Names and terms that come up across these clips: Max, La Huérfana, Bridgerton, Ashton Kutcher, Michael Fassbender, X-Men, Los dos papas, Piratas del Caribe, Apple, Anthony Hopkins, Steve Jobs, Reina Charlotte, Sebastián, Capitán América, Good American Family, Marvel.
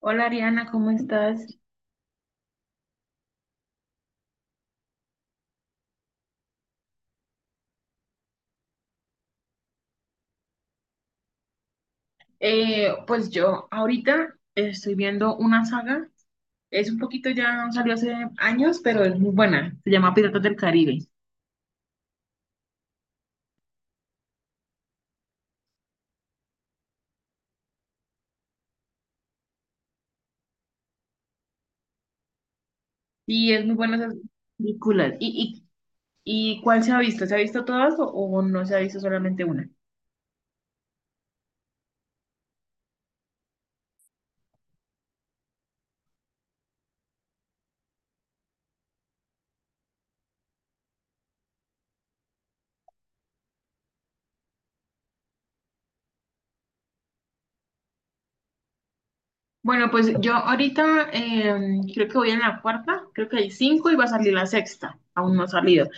Hola Ariana, ¿cómo estás? Pues yo ahorita estoy viendo una saga, es un poquito ya salió hace años, pero es muy buena, se llama Piratas del Caribe y es muy buena esa película. ¿Y cuál se ha visto? ¿Se ha visto todas o no se ha visto solamente una? Bueno, pues yo ahorita creo que voy en la cuarta, creo que hay cinco y va a salir la sexta, aún no ha salido.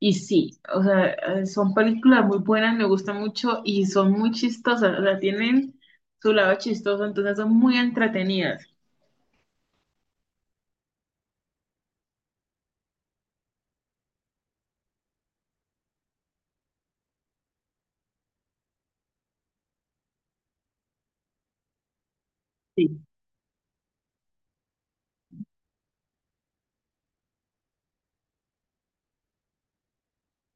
Y sí, o sea, son películas muy buenas, me gustan mucho y son muy chistosas, o sea, tienen su lado chistoso, entonces son muy entretenidas. Sí,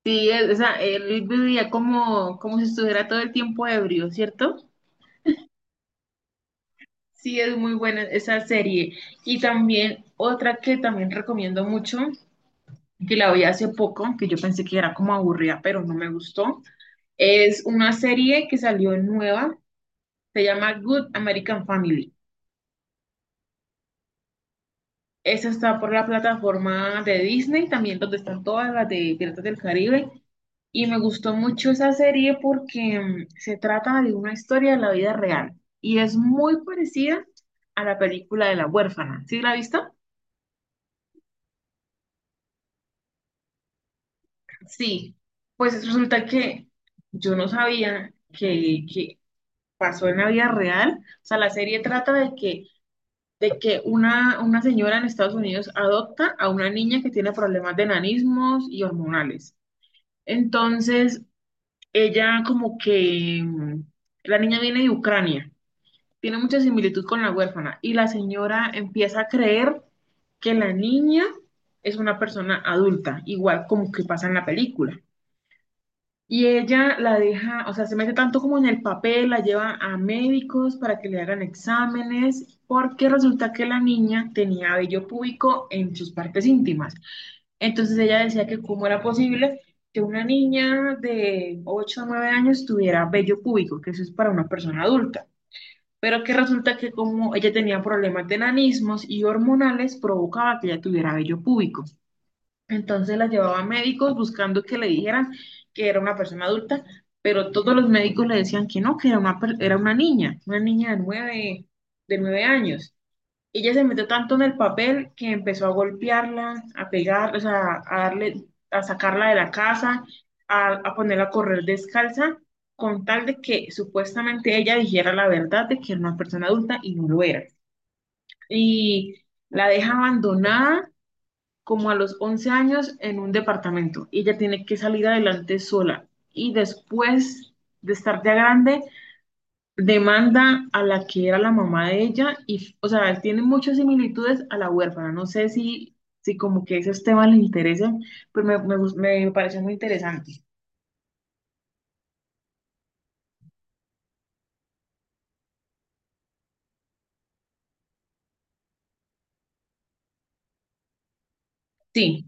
sí, o sea, él vivía como si estuviera todo el tiempo ebrio, ¿cierto? Sí, es muy buena esa serie. Y también otra que también recomiendo mucho, que la vi hace poco, que yo pensé que era como aburrida, pero no me gustó. Es una serie que salió nueva, se llama Good American Family. Esa está por la plataforma de Disney, también donde están todas las de Piratas del Caribe. Y me gustó mucho esa serie porque se trata de una historia de la vida real y es muy parecida a la película de La Huérfana. ¿Sí la has visto? Sí, pues resulta que yo no sabía que pasó en la vida real. O sea, la serie trata de que una señora en Estados Unidos adopta a una niña que tiene problemas de enanismos y hormonales. Entonces, ella como que, la niña viene de Ucrania, tiene mucha similitud con la huérfana y la señora empieza a creer que la niña es una persona adulta, igual como que pasa en la película. Y ella la deja, o sea, se mete tanto como en el papel, la lleva a médicos para que le hagan exámenes, porque resulta que la niña tenía vello púbico en sus partes íntimas. Entonces ella decía que cómo era posible que una niña de 8 o 9 años tuviera vello púbico, que eso es para una persona adulta, pero que resulta que como ella tenía problemas de nanismos y hormonales, provocaba que ella tuviera vello púbico. Entonces la llevaba a médicos buscando que le dijeran que era una persona adulta, pero todos los médicos le decían que no, que era era una niña de nueve años. Ella se metió tanto en el papel que empezó a golpearla, a pegar, o sea, a darle, a sacarla de la casa, a ponerla a correr descalza, con tal de que supuestamente ella dijera la verdad de que era una persona adulta y no lo era. Y la deja abandonada como a los 11 años en un departamento. Y ella tiene que salir adelante sola. Y después de estar ya grande, demanda a la que era la mamá de ella. Y, o sea, tiene muchas similitudes a la huérfana. No sé si como que esos temas le interesan, pero me parece muy interesante. Sí,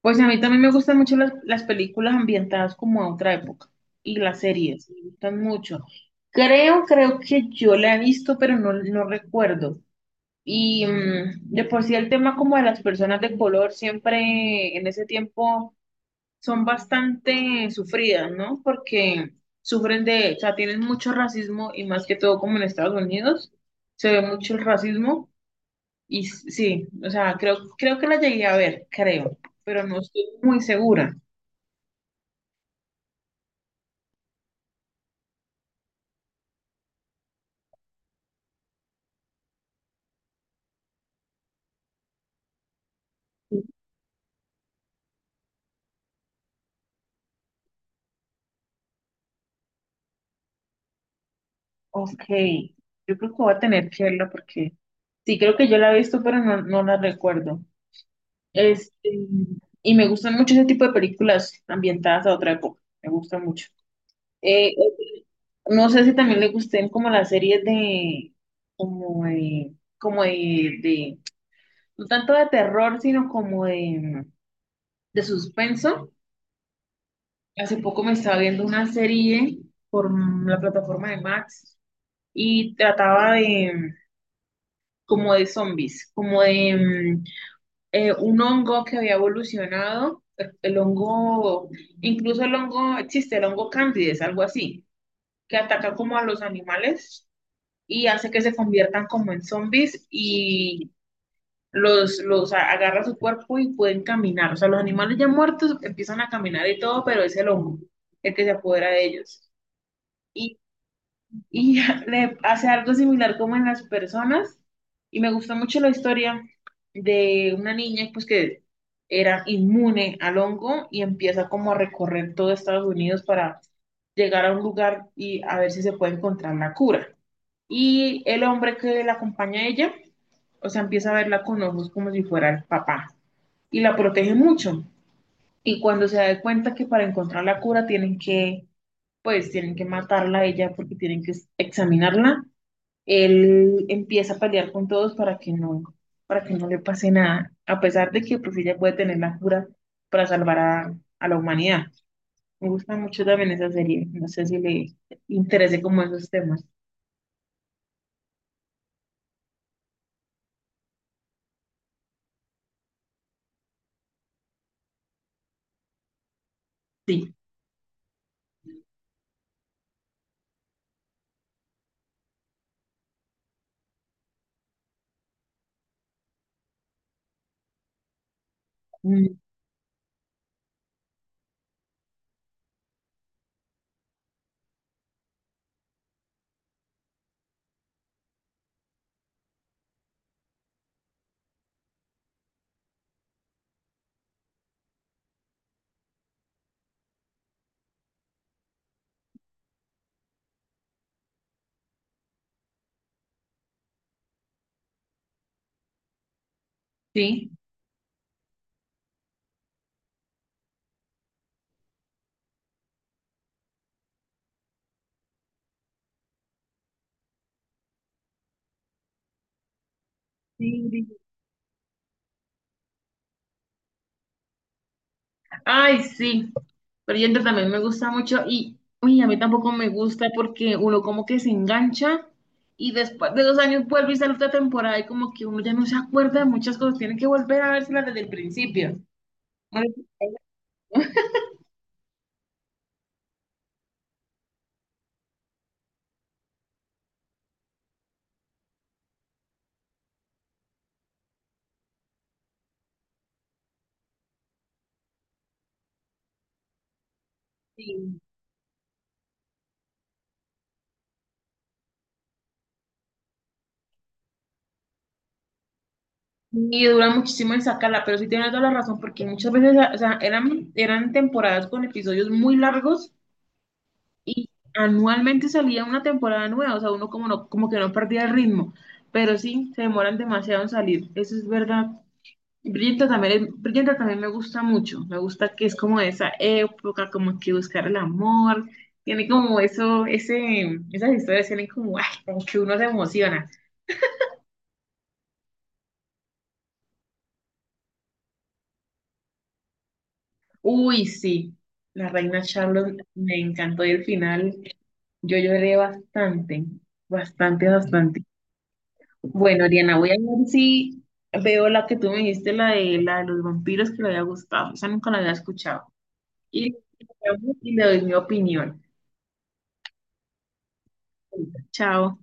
pues a mí también me gustan mucho las películas ambientadas como a otra época. Y las series, me gustan mucho. Creo que yo la he visto, pero no recuerdo. Y de por sí el tema como de las personas de color siempre en ese tiempo son bastante sufridas, ¿no? Porque sufren de, o sea, tienen mucho racismo y más que todo como en Estados Unidos se ve mucho el racismo y sí, o sea, creo que la llegué a ver, creo, pero no estoy muy segura. Ok, yo creo que voy a tener que verla porque sí, creo que yo la he visto, pero no la recuerdo. Este, y me gustan mucho ese tipo de películas ambientadas a otra época. Me gustan mucho. Eh, eh, no sé si también le gusten como las series de, como de, como de- no tanto de terror, sino como de suspenso. Hace poco me estaba viendo una serie por la plataforma de Max y trataba de, como de zombies, como de, un hongo que había evolucionado, el hongo, incluso el hongo, existe el hongo candides, algo así, que ataca como a los animales y hace que se conviertan como en zombies y agarra su cuerpo y pueden caminar. O sea, los animales ya muertos empiezan a caminar y todo, pero es el hongo el que se apodera de ellos y le hace algo similar como en las personas. Y me gustó mucho la historia de una niña pues que era inmune al hongo y empieza como a recorrer todo Estados Unidos para llegar a un lugar y a ver si se puede encontrar la cura. Y el hombre que la acompaña a ella, o sea, empieza a verla con ojos como si fuera el papá y la protege mucho. Y cuando se da cuenta que para encontrar la cura tienen que matarla a ella porque tienen que examinarla, él empieza a pelear con todos para que no, le pase nada, a pesar de que pues ella puede tener la cura para salvar a la humanidad. Me gusta mucho también esa serie. No sé si le interese como esos temas. Sí. Mm, sí. Sí, sí. Ay, sí. Pero Yendo también me gusta mucho y uy, a mí tampoco me gusta porque uno como que se engancha y después de 2 años vuelve y sale otra temporada y como que uno ya no se acuerda de muchas cosas. Tiene que volver a vérselas desde el principio. Sí. Y dura muchísimo en sacarla, pero sí tiene toda la razón, porque muchas veces, o sea, eran temporadas con episodios muy largos y anualmente salía una temporada nueva, o sea, uno como, no, como que no perdía el ritmo, pero sí, se demoran demasiado en salir, eso es verdad. Bridgerton también me gusta mucho, me gusta que es como esa época, como que buscar el amor, tiene como esas historias tienen como, ay, como que uno se emociona. Uy, sí, la reina Charlotte me encantó y el final yo lloré bastante, bastante, bastante. Bueno, Ariana, voy a ver si veo la que tú me dijiste, la de, los vampiros que le había gustado. Esa nunca la había escuchado. Y, y le doy mi opinión. Chao.